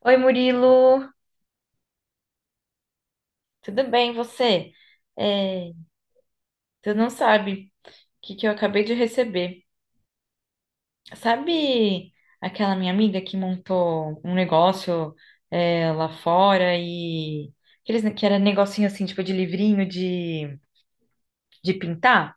Oi, Murilo, tudo bem, você? É, Tu não sabe o que eu acabei de receber. Sabe aquela minha amiga que montou um negócio lá fora e que era negocinho assim, tipo de livrinho de pintar?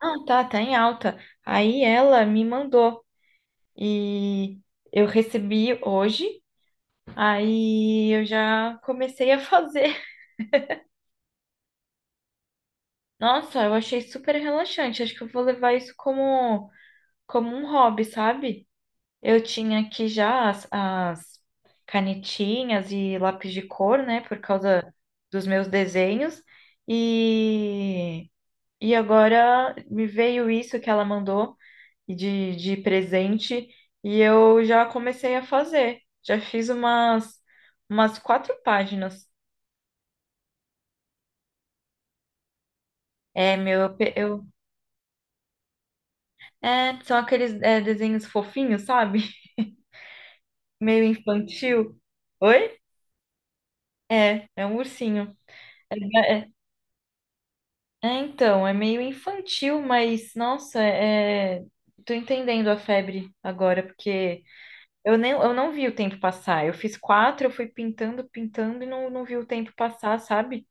Ah, tá, tá em alta. Aí ela me mandou e eu recebi hoje, aí eu já comecei a fazer. Nossa, eu achei super relaxante. Acho que eu vou levar isso como um hobby, sabe? Eu tinha aqui já as canetinhas e lápis de cor, né, por causa dos meus desenhos. E, e agora me veio isso que ela mandou de presente e eu já comecei a fazer. Já fiz umas quatro páginas. É, meu, eu, pe- eu- é, são aqueles, desenhos fofinhos, sabe? Meio infantil. Oi? É, é um ursinho. É, é, É, então, é meio infantil, mas nossa, tô entendendo a febre agora, porque eu não vi o tempo passar. Eu fiz quatro, eu fui pintando, pintando e não vi o tempo passar, sabe?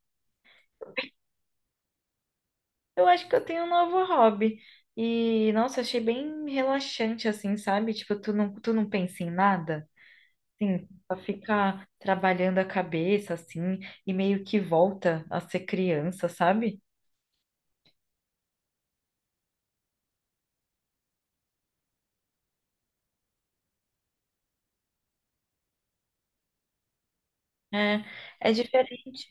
Eu acho que eu tenho um novo hobby. E, nossa, achei bem relaxante, assim, sabe? Tipo, tu não pensa em nada, assim, só fica trabalhando a cabeça, assim, e meio que volta a ser criança, sabe? É, é diferente.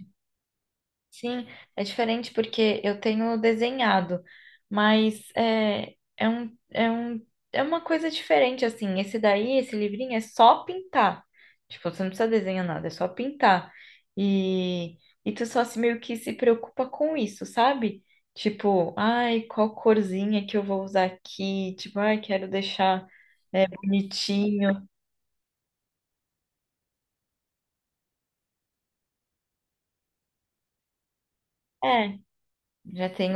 Sim, é diferente porque eu tenho desenhado, mas é uma coisa diferente, assim. Esse livrinho, é só pintar. Tipo, você não precisa desenhar nada, é só pintar. E, e tu só se, meio que se preocupa com isso, sabe? Tipo, ai, qual corzinha que eu vou usar aqui? Tipo, ai, quero deixar bonitinho. É, já tem.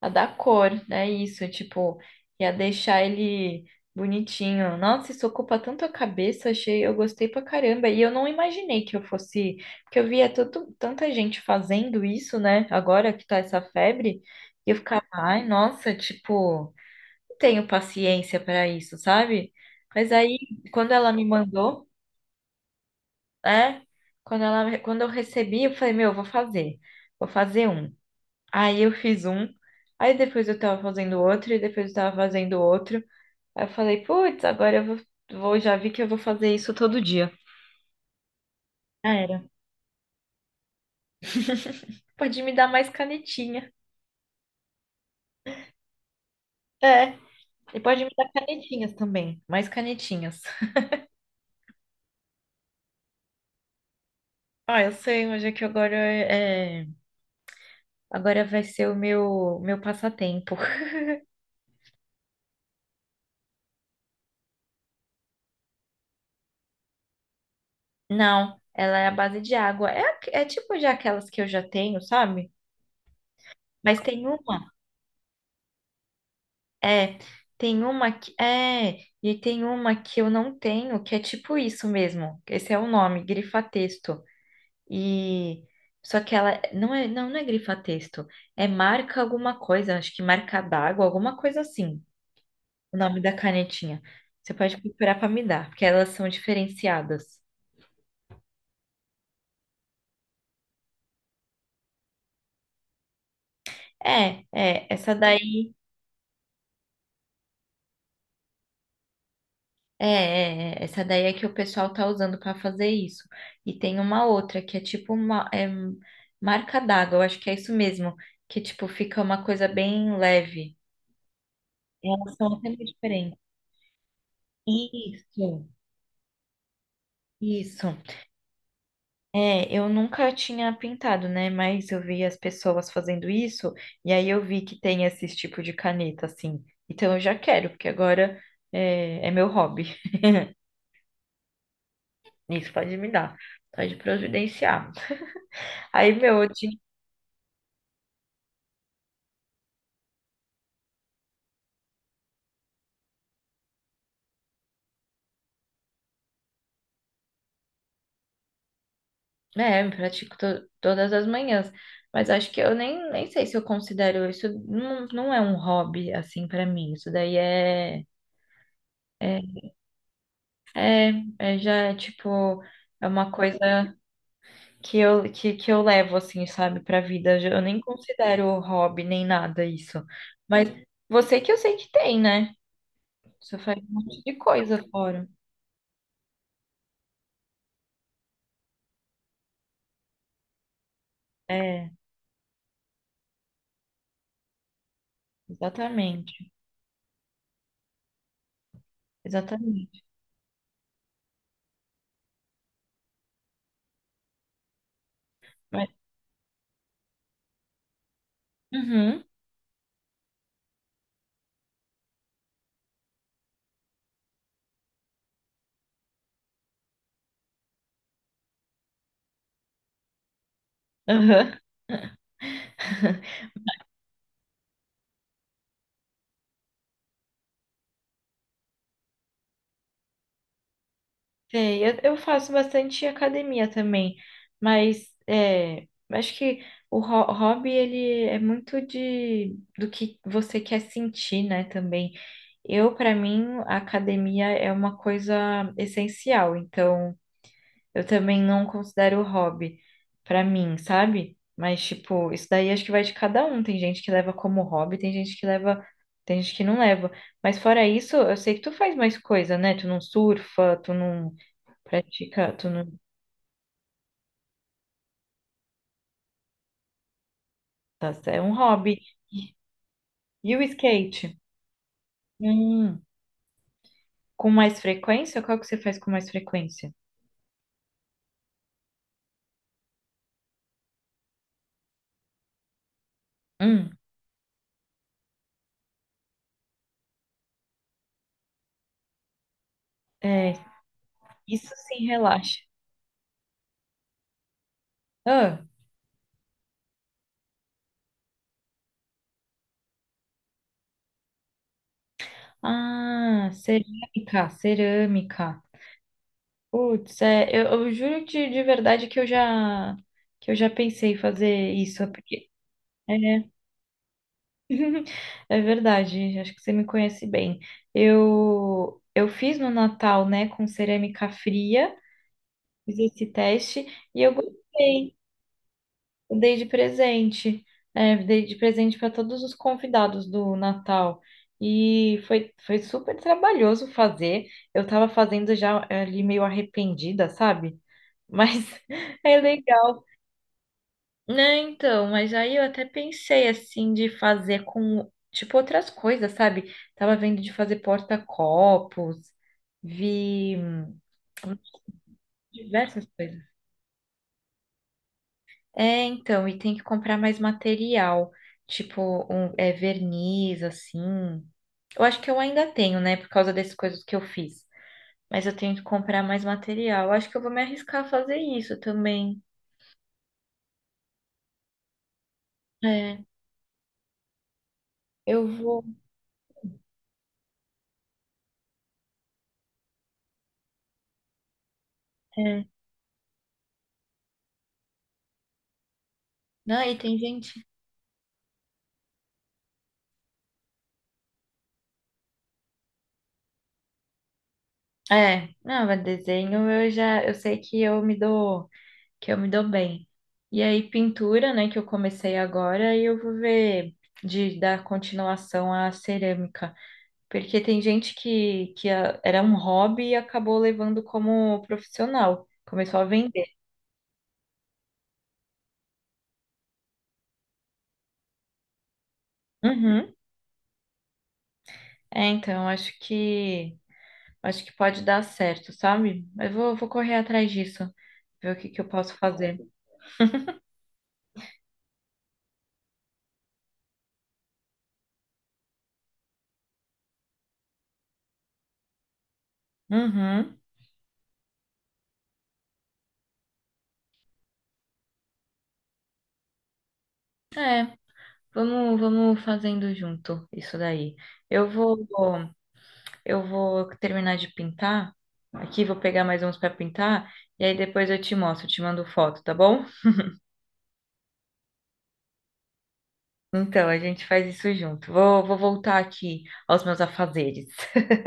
A dar cor, é isso, tipo, ia deixar ele bonitinho. Nossa, isso ocupa tanto a cabeça, achei, eu gostei pra caramba. E eu não imaginei que eu fosse, porque eu via tanta gente fazendo isso, né? Agora que tá essa febre, e eu ficava, ai, nossa, tipo, não tenho paciência pra isso, sabe? Mas aí, quando ela me mandou, é, quando eu recebi, eu falei, meu, eu vou fazer. Vou fazer um. Aí eu fiz um, aí depois eu tava fazendo outro, e depois eu tava fazendo outro. Aí eu falei, putz, agora eu vou, vou- já vi que eu vou fazer isso todo dia. Já era. Pode me dar mais canetinha. É. E pode me dar canetinhas também. Mais canetinhas. Ah, eu sei, mas é que agora é... Agora vai ser o meu passatempo. Não, ela é a base de água. É tipo já aquelas que eu já tenho, sabe? Mas tem uma. É, tem uma que é, e tem uma que eu não tenho, que é tipo isso mesmo. Esse é o nome, grifa-texto. E só que ela não é grifa-texto, é marca alguma coisa, acho que marca d'água, alguma coisa assim. O nome da canetinha. Você pode procurar para me dar, porque elas são diferenciadas. É, é, essa daí É, essa daí é que o pessoal tá usando para fazer isso. E tem uma outra que é tipo uma marca d'água, eu acho que é isso mesmo, que tipo fica uma coisa bem leve. Elas são até meio diferentes. Isso, isso. É, eu nunca tinha pintado, né? Mas eu vi as pessoas fazendo isso e aí eu vi que tem esse tipo de caneta assim. Então eu já quero, porque agora é meu hobby. Isso pode me dar, pode providenciar. Aí, meu, eu. É, eu pratico todas as manhãs, mas acho que eu nem sei se eu considero isso, não é um hobby assim pra mim, isso daí é, é, é, é já é, tipo, é uma coisa que eu levo assim, sabe, pra vida, eu nem considero hobby nem nada isso, mas você que eu sei que tem, né? Você faz um monte de coisa fora. É, exatamente, exatamente. Mas, uhum, uhum. Sei, eu faço bastante academia também, mas é, acho que o hobby ele é muito de do que você quer sentir, né, também. Eu, para mim, a academia é uma coisa essencial, então eu também não considero hobby para mim, sabe? Mas tipo, isso daí acho que vai de cada um. Tem gente que leva como hobby, tem gente que leva, tem gente que não leva. Mas fora isso, eu sei que tu faz mais coisa, né? Tu não surfa, tu não. Pratica, tu não... Tá, é um hobby. E o skate? Hum, com mais frequência? Qual que você faz com mais frequência? Hum, é, isso sim relaxa. Ah, ah, cerâmica. Putz, é, eu juro de verdade que eu já pensei em fazer isso, porque é. É verdade, acho que você me conhece bem. Eu fiz no Natal, né, com cerâmica fria, fiz esse teste e eu gostei. Eu dei de presente, é, dei de presente para todos os convidados do Natal. E foi super trabalhoso fazer. Eu estava fazendo já ali meio arrependida, sabe? Mas é legal. Né, então, mas aí eu até pensei assim de fazer com tipo outras coisas, sabe? Tava vendo de fazer porta-copos, vi diversas coisas. É, então, e tem que comprar mais material, tipo é, verniz, assim. Eu acho que eu ainda tenho, né, por causa dessas coisas que eu fiz. Mas eu tenho que comprar mais material. Eu acho que eu vou me arriscar a fazer isso também. É, eu vou. É. Não, e tem gente. É, não, mas desenho eu já, eu sei que eu me dou, que eu me dou bem. E aí pintura, né, que eu comecei agora, e eu vou ver de dar continuação à cerâmica. Porque tem gente que ah, era um hobby e acabou levando como profissional, começou a vender. Uhum. É, então, acho que pode dar certo, sabe? Vou correr atrás disso, ver o que que eu posso fazer. Uhum. É, vamos fazendo junto isso daí. Eu vou, eu vou terminar de pintar aqui, vou pegar mais uns para pintar, e aí depois eu te mostro, te mando foto, tá bom? Então, a gente faz isso junto. Vou voltar aqui aos meus afazeres.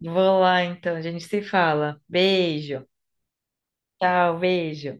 Vou lá, então, a gente se fala. Beijo. Tchau, beijo.